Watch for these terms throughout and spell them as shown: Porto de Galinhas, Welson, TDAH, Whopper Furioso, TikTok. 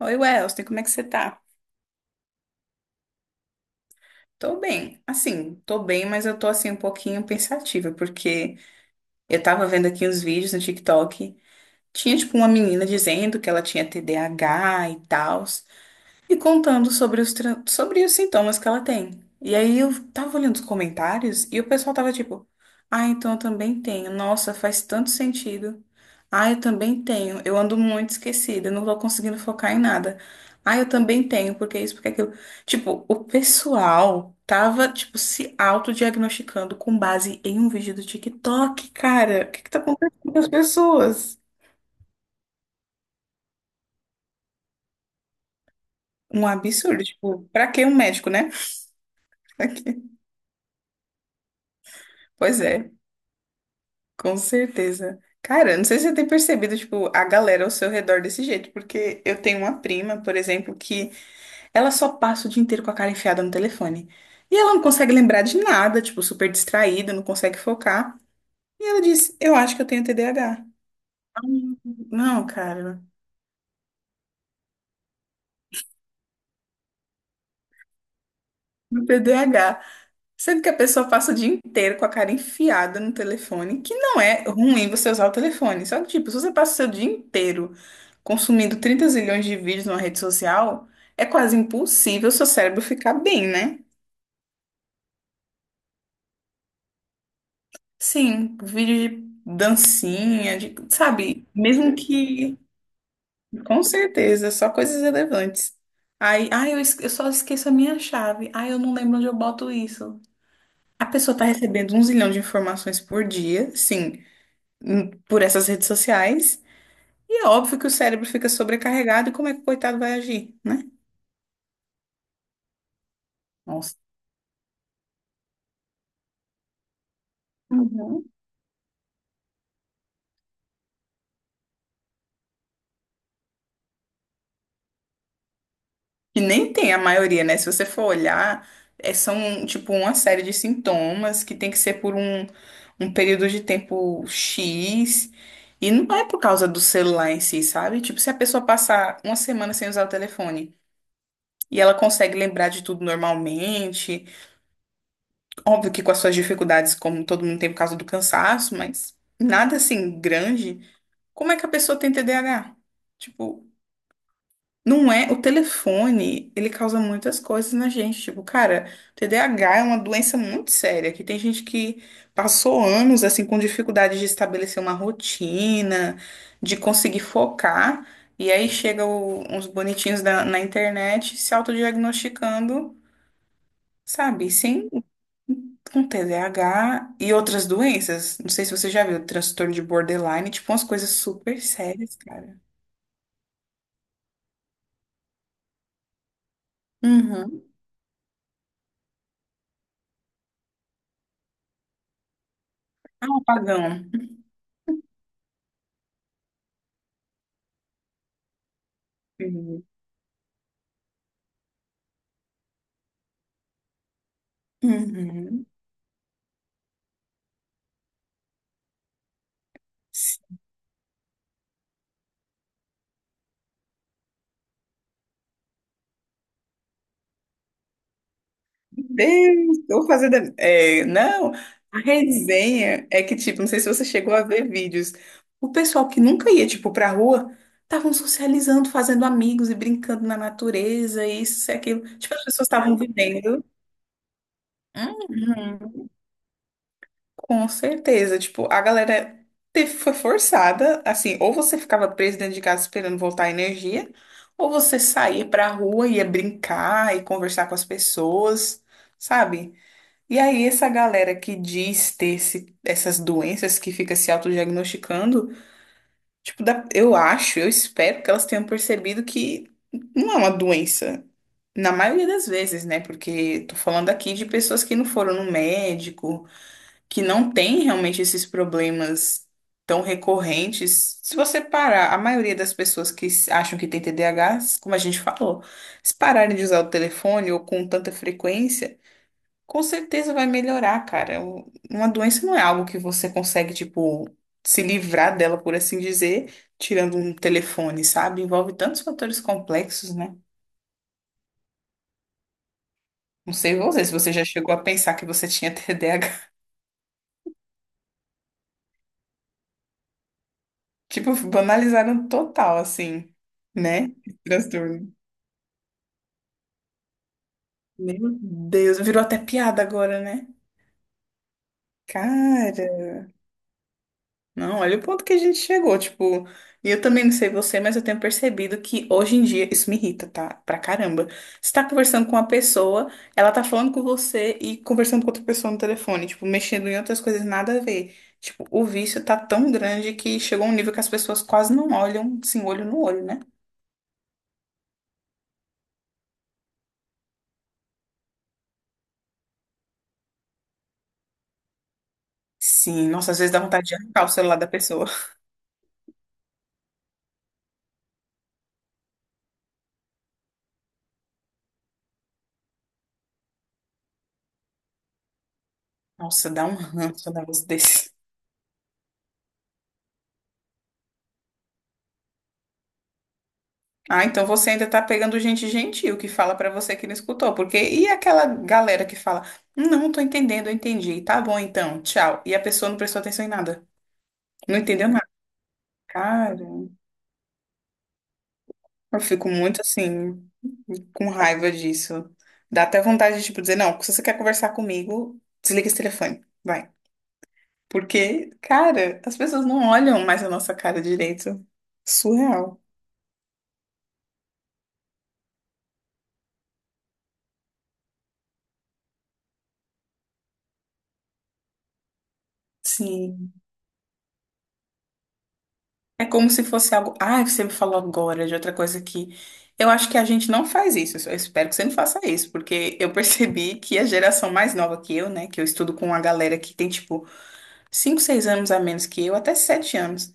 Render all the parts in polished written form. Oi, Welson, como é que você tá? Tô bem. Assim, tô bem, mas eu tô assim um pouquinho pensativa, porque eu tava vendo aqui uns vídeos no TikTok. Tinha tipo uma menina dizendo que ela tinha TDAH e tal, e contando sobre os sintomas que ela tem. E aí eu tava olhando os comentários e o pessoal tava tipo, ah, então eu também tenho. Nossa, faz tanto sentido. Ah, eu também tenho. Eu ando muito esquecida, não tô conseguindo focar em nada. Ah, eu também tenho, porque isso, porque aquilo. Tipo, o pessoal tava, tipo, se autodiagnosticando com base em um vídeo do TikTok, cara. O que que tá acontecendo com as pessoas? Um absurdo, tipo, pra que um médico, né? Pois é. Com certeza. Cara, não sei se você tem percebido, tipo, a galera ao seu redor desse jeito, porque eu tenho uma prima, por exemplo, que ela só passa o dia inteiro com a cara enfiada no telefone. E ela não consegue lembrar de nada, tipo, super distraída, não consegue focar. E ela disse: eu acho que eu tenho TDAH. Não, cara, no TDAH. Sendo que a pessoa passa o dia inteiro com a cara enfiada no telefone, que não é ruim você usar o telefone. Só que, tipo, se você passa o seu dia inteiro consumindo 30 zilhões de vídeos numa rede social, é quase impossível seu cérebro ficar bem, né? Sim, vídeo de dancinha, de, sabe? Mesmo que, com certeza, só coisas relevantes. Aí, ai, eu só esqueço a minha chave. Ai, eu não lembro onde eu boto isso. A pessoa tá recebendo um zilhão de informações por dia, sim, por essas redes sociais. E é óbvio que o cérebro fica sobrecarregado e como é que o coitado vai agir, né? Nossa. Uhum. E nem tem a maioria, né? Se você for olhar, é, são tipo uma série de sintomas que tem que ser por um período de tempo X. E não é por causa do celular em si, sabe? Tipo, se a pessoa passar uma semana sem usar o telefone e ela consegue lembrar de tudo normalmente, óbvio que com as suas dificuldades, como todo mundo tem por causa do cansaço, mas nada assim grande. Como é que a pessoa tem TDAH? Tipo, não é. O telefone, ele causa muitas coisas na gente. Tipo, cara, TDAH é uma doença muito séria, que tem gente que passou anos, assim, com dificuldade de estabelecer uma rotina, de conseguir focar, e aí chega uns bonitinhos na internet se autodiagnosticando, sabe? Sem. Com TDAH e outras doenças. Não sei se você já viu, transtorno de borderline, tipo, umas coisas super sérias, cara. Uhum. Ah, apagão pagão. Uhum. Uhum. Deus, vou fazer. É, não, a resenha é que, tipo, não sei se você chegou a ver vídeos. O pessoal que nunca ia, tipo, pra rua, estavam socializando, fazendo amigos e brincando na natureza, isso e aquilo. Tipo, as pessoas estavam vivendo. Uhum. Com certeza, tipo, a galera foi forçada, assim, ou você ficava preso dentro de casa esperando voltar a energia, ou você saía pra rua, ia brincar e conversar com as pessoas, sabe? E aí essa galera que diz ter essas doenças, que fica se autodiagnosticando, tipo, eu acho, eu espero que elas tenham percebido que não é uma doença, na maioria das vezes, né? Porque tô falando aqui de pessoas que não foram no médico, que não tem realmente esses problemas tão recorrentes. Se você parar, a maioria das pessoas que acham que tem TDAH, como a gente falou, se pararem de usar o telefone ou com tanta frequência, com certeza vai melhorar, cara. Uma doença não é algo que você consegue, tipo, se livrar dela, por assim dizer, tirando um telefone, sabe? Envolve tantos fatores complexos, né? Não sei você, se você já chegou a pensar que você tinha TDAH. Tipo, banalizaram total, assim, né? Esse transtorno. Meu Deus, virou até piada agora, né? Cara, não, olha o ponto que a gente chegou, tipo, e eu também não sei você, mas eu tenho percebido que hoje em dia isso me irrita, tá? Pra caramba. Você tá conversando com uma pessoa, ela tá falando com você e conversando com outra pessoa no telefone, tipo, mexendo em outras coisas nada a ver. Tipo, o vício tá tão grande que chegou a um nível que as pessoas quase não olham, assim, olho no olho, né? Sim, nossa, às vezes dá vontade de arrancar o celular da pessoa. Nossa, dá um ranço um negócio desse. Ah, então você ainda tá pegando gente gentil que fala pra você que não escutou, porque e aquela galera que fala, não tô entendendo, eu entendi, tá bom então, tchau. E a pessoa não prestou atenção em nada, não entendeu nada. Cara, eu fico muito assim, com raiva disso. Dá até vontade de, tipo, dizer, não, se você quer conversar comigo, desliga esse telefone, vai. Porque, cara, as pessoas não olham mais a nossa cara direito. Surreal. Sim. É como se fosse algo. Ah, você me falou agora de outra coisa que eu acho que a gente não faz isso. Eu espero que você não faça isso, porque eu percebi que a geração mais nova que eu, né, que eu estudo com uma galera que tem tipo 5, 6 anos a menos que eu, até 7 anos,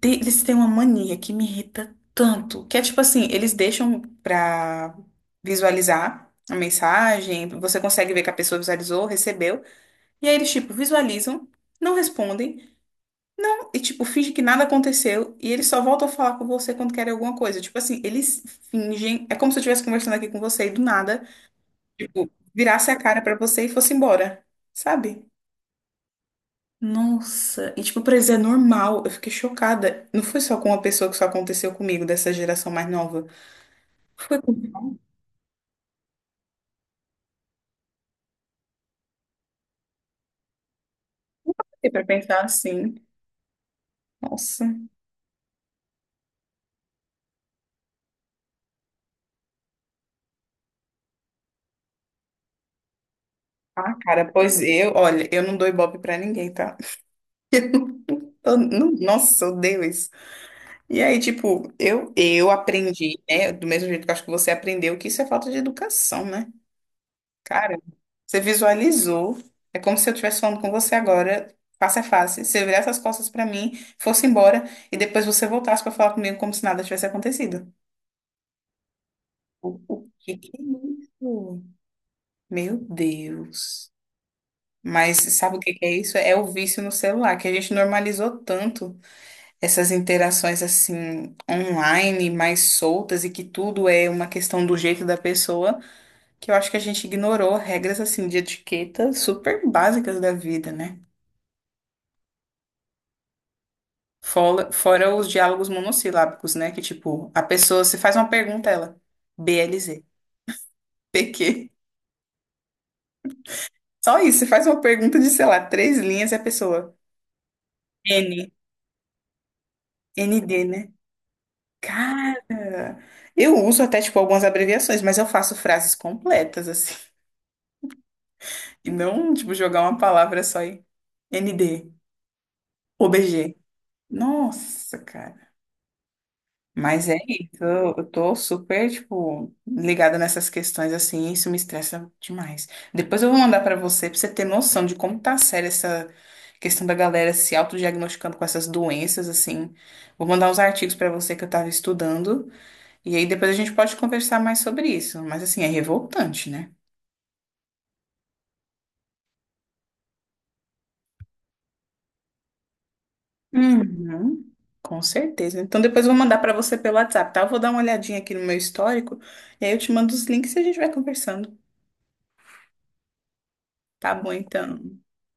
eles têm uma mania que me irrita tanto, que é tipo assim, eles deixam pra visualizar a mensagem, você consegue ver que a pessoa visualizou, recebeu, e aí eles tipo visualizam, não respondem. Não, e tipo, finge que nada aconteceu e eles só voltam a falar com você quando querem alguma coisa. Tipo assim, eles fingem, é como se eu estivesse conversando aqui com você e do nada, tipo, virasse a cara pra você e fosse embora, sabe? Nossa, e tipo, pra eles é normal, eu fiquei chocada. Não foi só com uma pessoa que só aconteceu comigo, dessa geração mais nova. Foi com você pra pensar assim. Nossa. Ah, cara, pois eu, olha, eu não dou ibope pra ninguém, tá? Eu não, nossa, eu odeio isso. E aí, tipo, eu aprendi, né? Do mesmo jeito que eu acho que você aprendeu, que isso é falta de educação, né? Cara, você visualizou. É como se eu estivesse falando com você agora, face a face. Você virasse as costas pra mim, fosse embora, e depois você voltasse pra falar comigo como se nada tivesse acontecido. O que que é isso? Meu Deus. Mas sabe o que que é isso? É o vício no celular, que a gente normalizou tanto. Essas interações assim online mais soltas e que tudo é uma questão do jeito da pessoa, que eu acho que a gente ignorou regras assim de etiqueta super básicas da vida, né? Fora os diálogos monossilábicos, né? Que tipo, a pessoa se faz uma pergunta, ela BLZ, PQ. Só isso, você faz uma pergunta de, sei lá, três linhas e a pessoa N, ND, né? Cara, eu uso até tipo algumas abreviações, mas eu faço frases completas assim. E não, tipo, jogar uma palavra só e ND, OBG. Nossa, cara. Mas é isso, eu tô super, tipo, ligada nessas questões assim, e isso me estressa demais. Depois eu vou mandar pra você ter noção de como tá séria essa questão da galera se autodiagnosticando com essas doenças, assim. Vou mandar uns artigos pra você que eu tava estudando, e aí depois a gente pode conversar mais sobre isso. Mas assim, é revoltante, né? Uhum, com certeza. Então depois eu vou mandar para você pelo WhatsApp, tá? Eu vou dar uma olhadinha aqui no meu histórico e aí eu te mando os links e a gente vai conversando. Tá bom, então.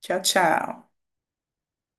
Tchau, tchau.